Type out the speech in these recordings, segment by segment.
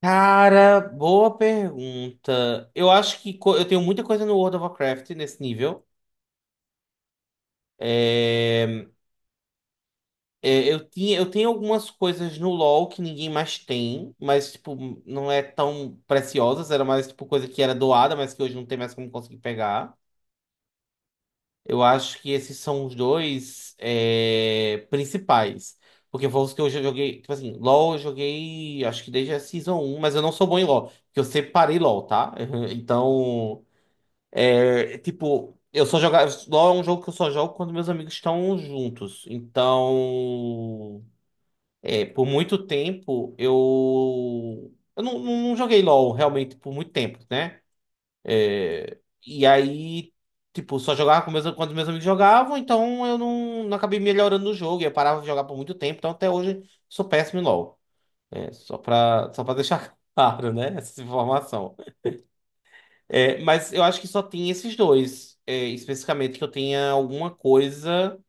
Cara, boa pergunta. Eu acho que eu tenho muita coisa no World of Warcraft nesse nível. É, eu tenho algumas coisas no LoL que ninguém mais tem, mas tipo, não é tão preciosas, era mais tipo coisa que era doada, mas que hoje não tem mais como conseguir pegar. Eu acho que esses são os dois principais. Porque foi os que eu já joguei, tipo assim, LoL eu joguei, acho que desde a Season um, mas eu não sou bom em LoL, porque eu separei LoL, tá? Então. É, tipo, eu só jogava. LoL é um jogo que eu só jogo quando meus amigos estão juntos. Então, por muito tempo eu. Não joguei LoL realmente por muito tempo, né? É, e aí, tipo, só jogava com meus, quando meus amigos jogavam, então eu não, não acabei melhorando no jogo. Eu parava de jogar por muito tempo, então até hoje sou péssimo em LoL. É, só pra deixar claro, né? Essa informação. É, mas eu acho que só tem esses dois, é, especificamente, que eu tenha alguma coisa,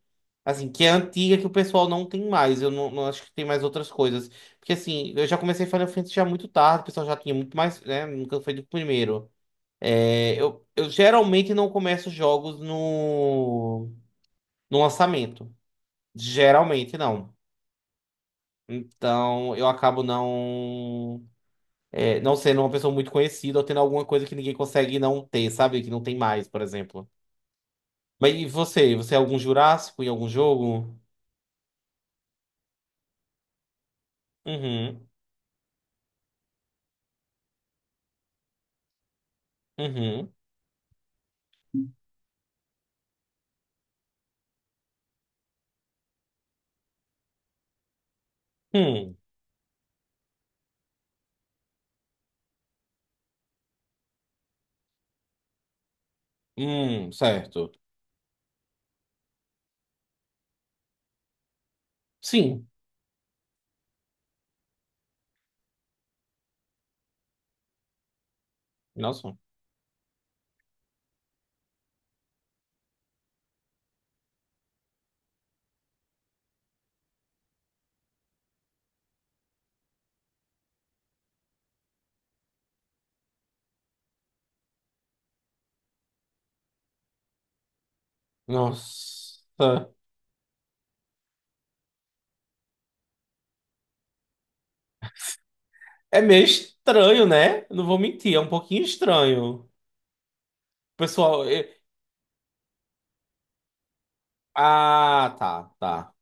assim, que é antiga, que o pessoal não tem mais. Eu não, não acho que tem mais outras coisas. Porque, assim, eu já comecei Final Fantasy já muito tarde, o pessoal já tinha muito mais, né? Nunca foi do primeiro. Eu geralmente não começo jogos no lançamento. Geralmente não. Então, eu acabo não sendo uma pessoa muito conhecida ou tendo alguma coisa que ninguém consegue não ter, sabe? Que não tem mais, por exemplo. Mas e você? Você é algum Jurássico em algum jogo? Uhum. Uhum. Hum. Certo. Sim. Nossa. Nossa. É meio estranho, né? Não vou mentir, é um pouquinho estranho. Pessoal, eu- ah, tá, tá.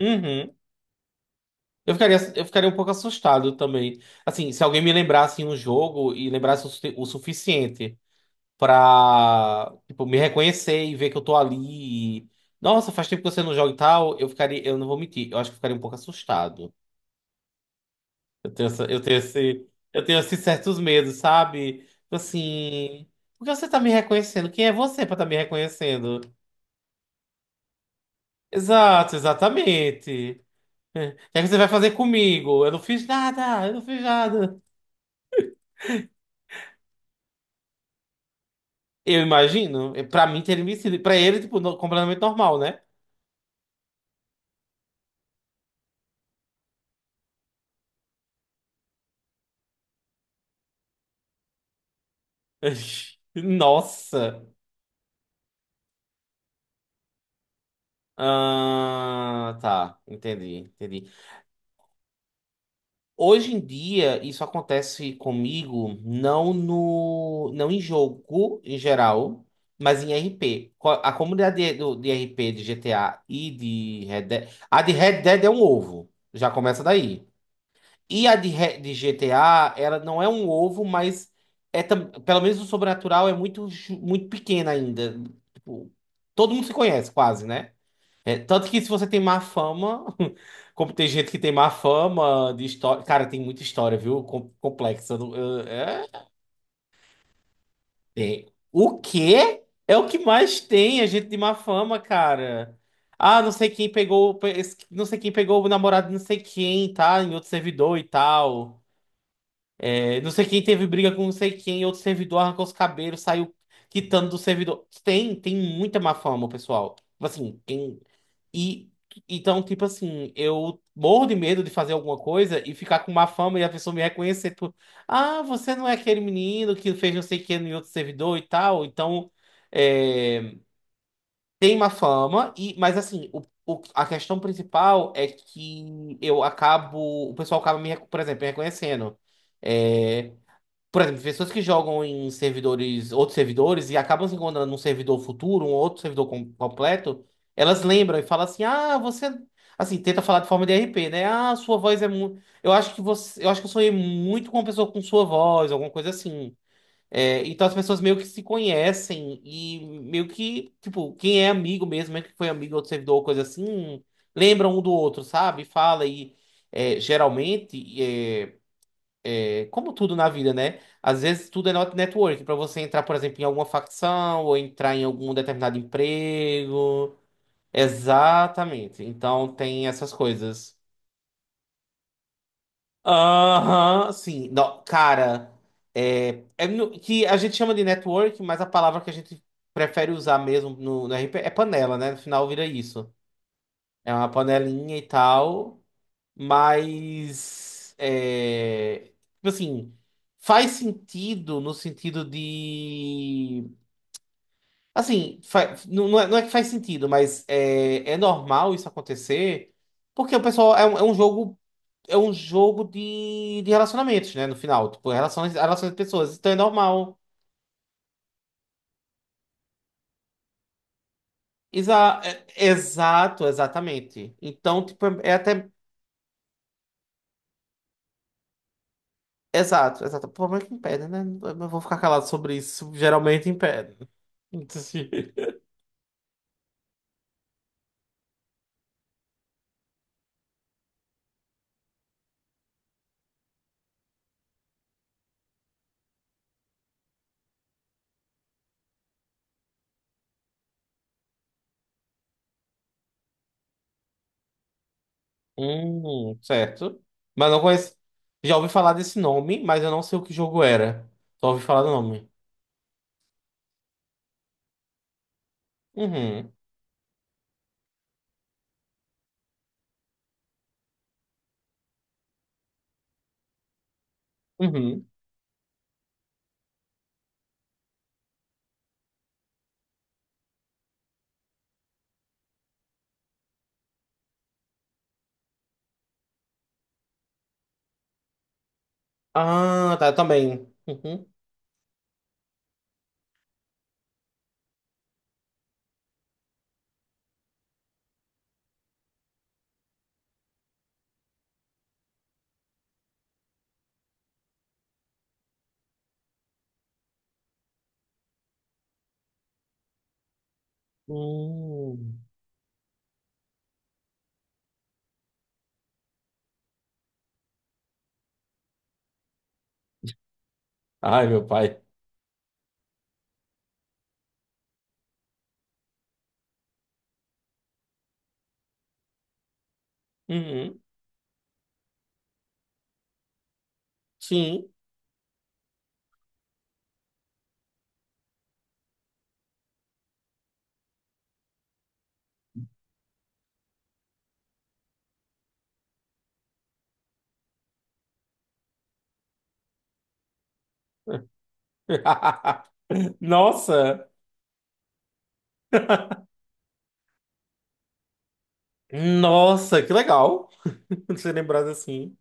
Uhum. Eu ficaria um pouco assustado também. Assim, se alguém me lembrasse um jogo e lembrasse o suficiente. Pra, tipo, me reconhecer e ver que eu tô ali. E, Nossa, faz tempo que você não joga e tal. Eu não vou mentir, eu acho que eu ficaria um pouco assustado. Eu tenho esses certos medos, sabe? Tipo assim, por que você tá me reconhecendo? Quem é você pra tá me reconhecendo? Exato, exatamente. É. O que é que você vai fazer comigo? Eu não fiz nada, eu não fiz nada. Eu imagino, pra mim teria me sido, pra ele, tipo, completamente normal, né? Nossa. Ah, tá, entendi, entendi. Hoje em dia, isso acontece comigo não em jogo em geral, mas em RP. A comunidade de, de RP de GTA e de Red Dead, a de Red Dead é um ovo, já começa daí. E a de, de GTA, ela não é um ovo, mas é pelo menos o sobrenatural é muito, muito pequeno ainda. Tipo, todo mundo se conhece quase, né? É, tanto que se você tem má fama, como tem gente que tem má fama de história. Cara, tem muita história, viu? Complexa. Tem. O quê? É o que mais tem, a gente de má fama, cara. Ah, não sei quem pegou, não sei quem pegou o namorado de não sei quem, tá? Em outro servidor e tal. É, não sei quem teve briga com não sei quem, outro servidor arrancou os cabelos, saiu quitando do servidor. Tem muita má fama, pessoal. Tipo assim, quem E então, tipo assim, eu morro de medo de fazer alguma coisa e ficar com má fama e a pessoa me reconhecer, tipo, ah, você não é aquele menino que fez não sei o que em outro servidor e tal. Então, é, tem má fama, e, mas assim, a questão principal é que eu acabo, o pessoal acaba me, por exemplo, me reconhecendo. Eh, por exemplo, pessoas que jogam em servidores, outros servidores, e acabam se encontrando num servidor futuro, um outro servidor completo, elas lembram e falam assim: ah, você. Assim, tenta falar de forma de r p né? Ah, sua voz é muito. Eu acho que você. Eu acho que eu sonhei muito com uma pessoa com sua voz, alguma coisa assim. É, então as pessoas meio que se conhecem e meio que, tipo, quem é amigo mesmo, mesmo que foi amigo do outro servidor ou coisa assim, lembra um do outro, sabe? Fala e é, geralmente. Como tudo na vida, né? Às vezes tudo é network. Para você entrar, por exemplo, em alguma facção ou entrar em algum determinado emprego. Exatamente. Então tem essas coisas. Aham, sim. Não, cara, que a gente chama de network, mas a palavra que a gente prefere usar mesmo no RP é panela, né? No final vira isso. É uma panelinha e tal. Mas, é, tipo assim, faz sentido no sentido de. Assim, não é que faz sentido, mas é, é normal isso acontecer, porque o pessoal é um jogo. É um jogo de relacionamentos, né? No final, tipo, relações, relações de pessoas. Então é normal. Exa é- exato, exatamente. Então, tipo, é até. Exato, exato. O problema é que impede, né? Eu vou ficar calado sobre isso. Geralmente impede. Certo. Mas não conheço. Já ouvi falar desse nome, mas eu não sei o que jogo era. Só ouvi falar do nome. Uhum. Uhum. Ah, tá, eu também. Uhum. Hum. Ai, meu pai. Uhum. Sim. Nossa. Nossa, que legal. Você lembrar assim.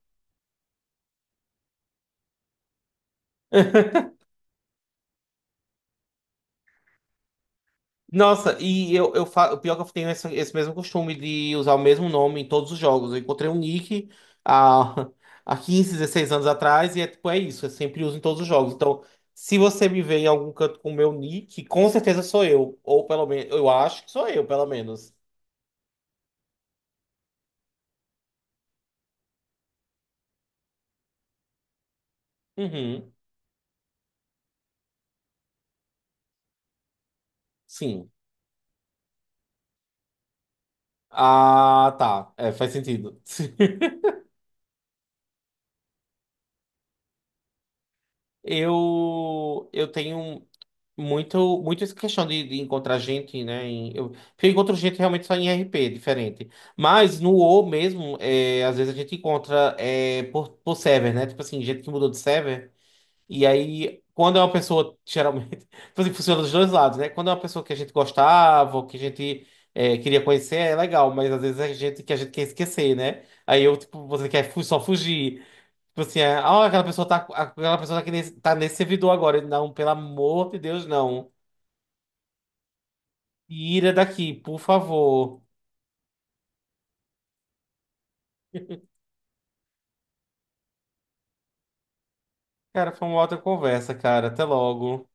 Nossa, e eu, o pior que eu tenho esse mesmo costume de usar o mesmo nome em todos os jogos. Eu encontrei um nick há, há 15, 16 anos atrás e é tipo, é isso, eu sempre uso em todos os jogos. Então, se você me vê em algum canto com o meu nick, com certeza sou eu. Ou pelo menos, eu acho que sou eu, pelo menos. Uhum, sim. Ah, tá. É, faz sentido. Eu, eu tenho. um, Muito, muito essa questão de encontrar gente, né? Porque eu encontro gente realmente só em RP, diferente. Mas no WoW mesmo, é, às vezes a gente encontra é, por server, né? Tipo assim, gente que mudou de server. E aí, quando é uma pessoa, geralmente, tipo assim, funciona dos dois lados, né? Quando é uma pessoa que a gente gostava, ou que a gente queria conhecer, é legal. Mas às vezes é gente que a gente quer esquecer, né? Aí eu, tipo, você quer só fugir. Tipo assim, é, ah, aquela pessoa tá, aqui nesse, tá nesse servidor agora. Não, pelo amor de Deus, não. Ira daqui, por favor. Cara, foi uma outra conversa, cara. Até logo.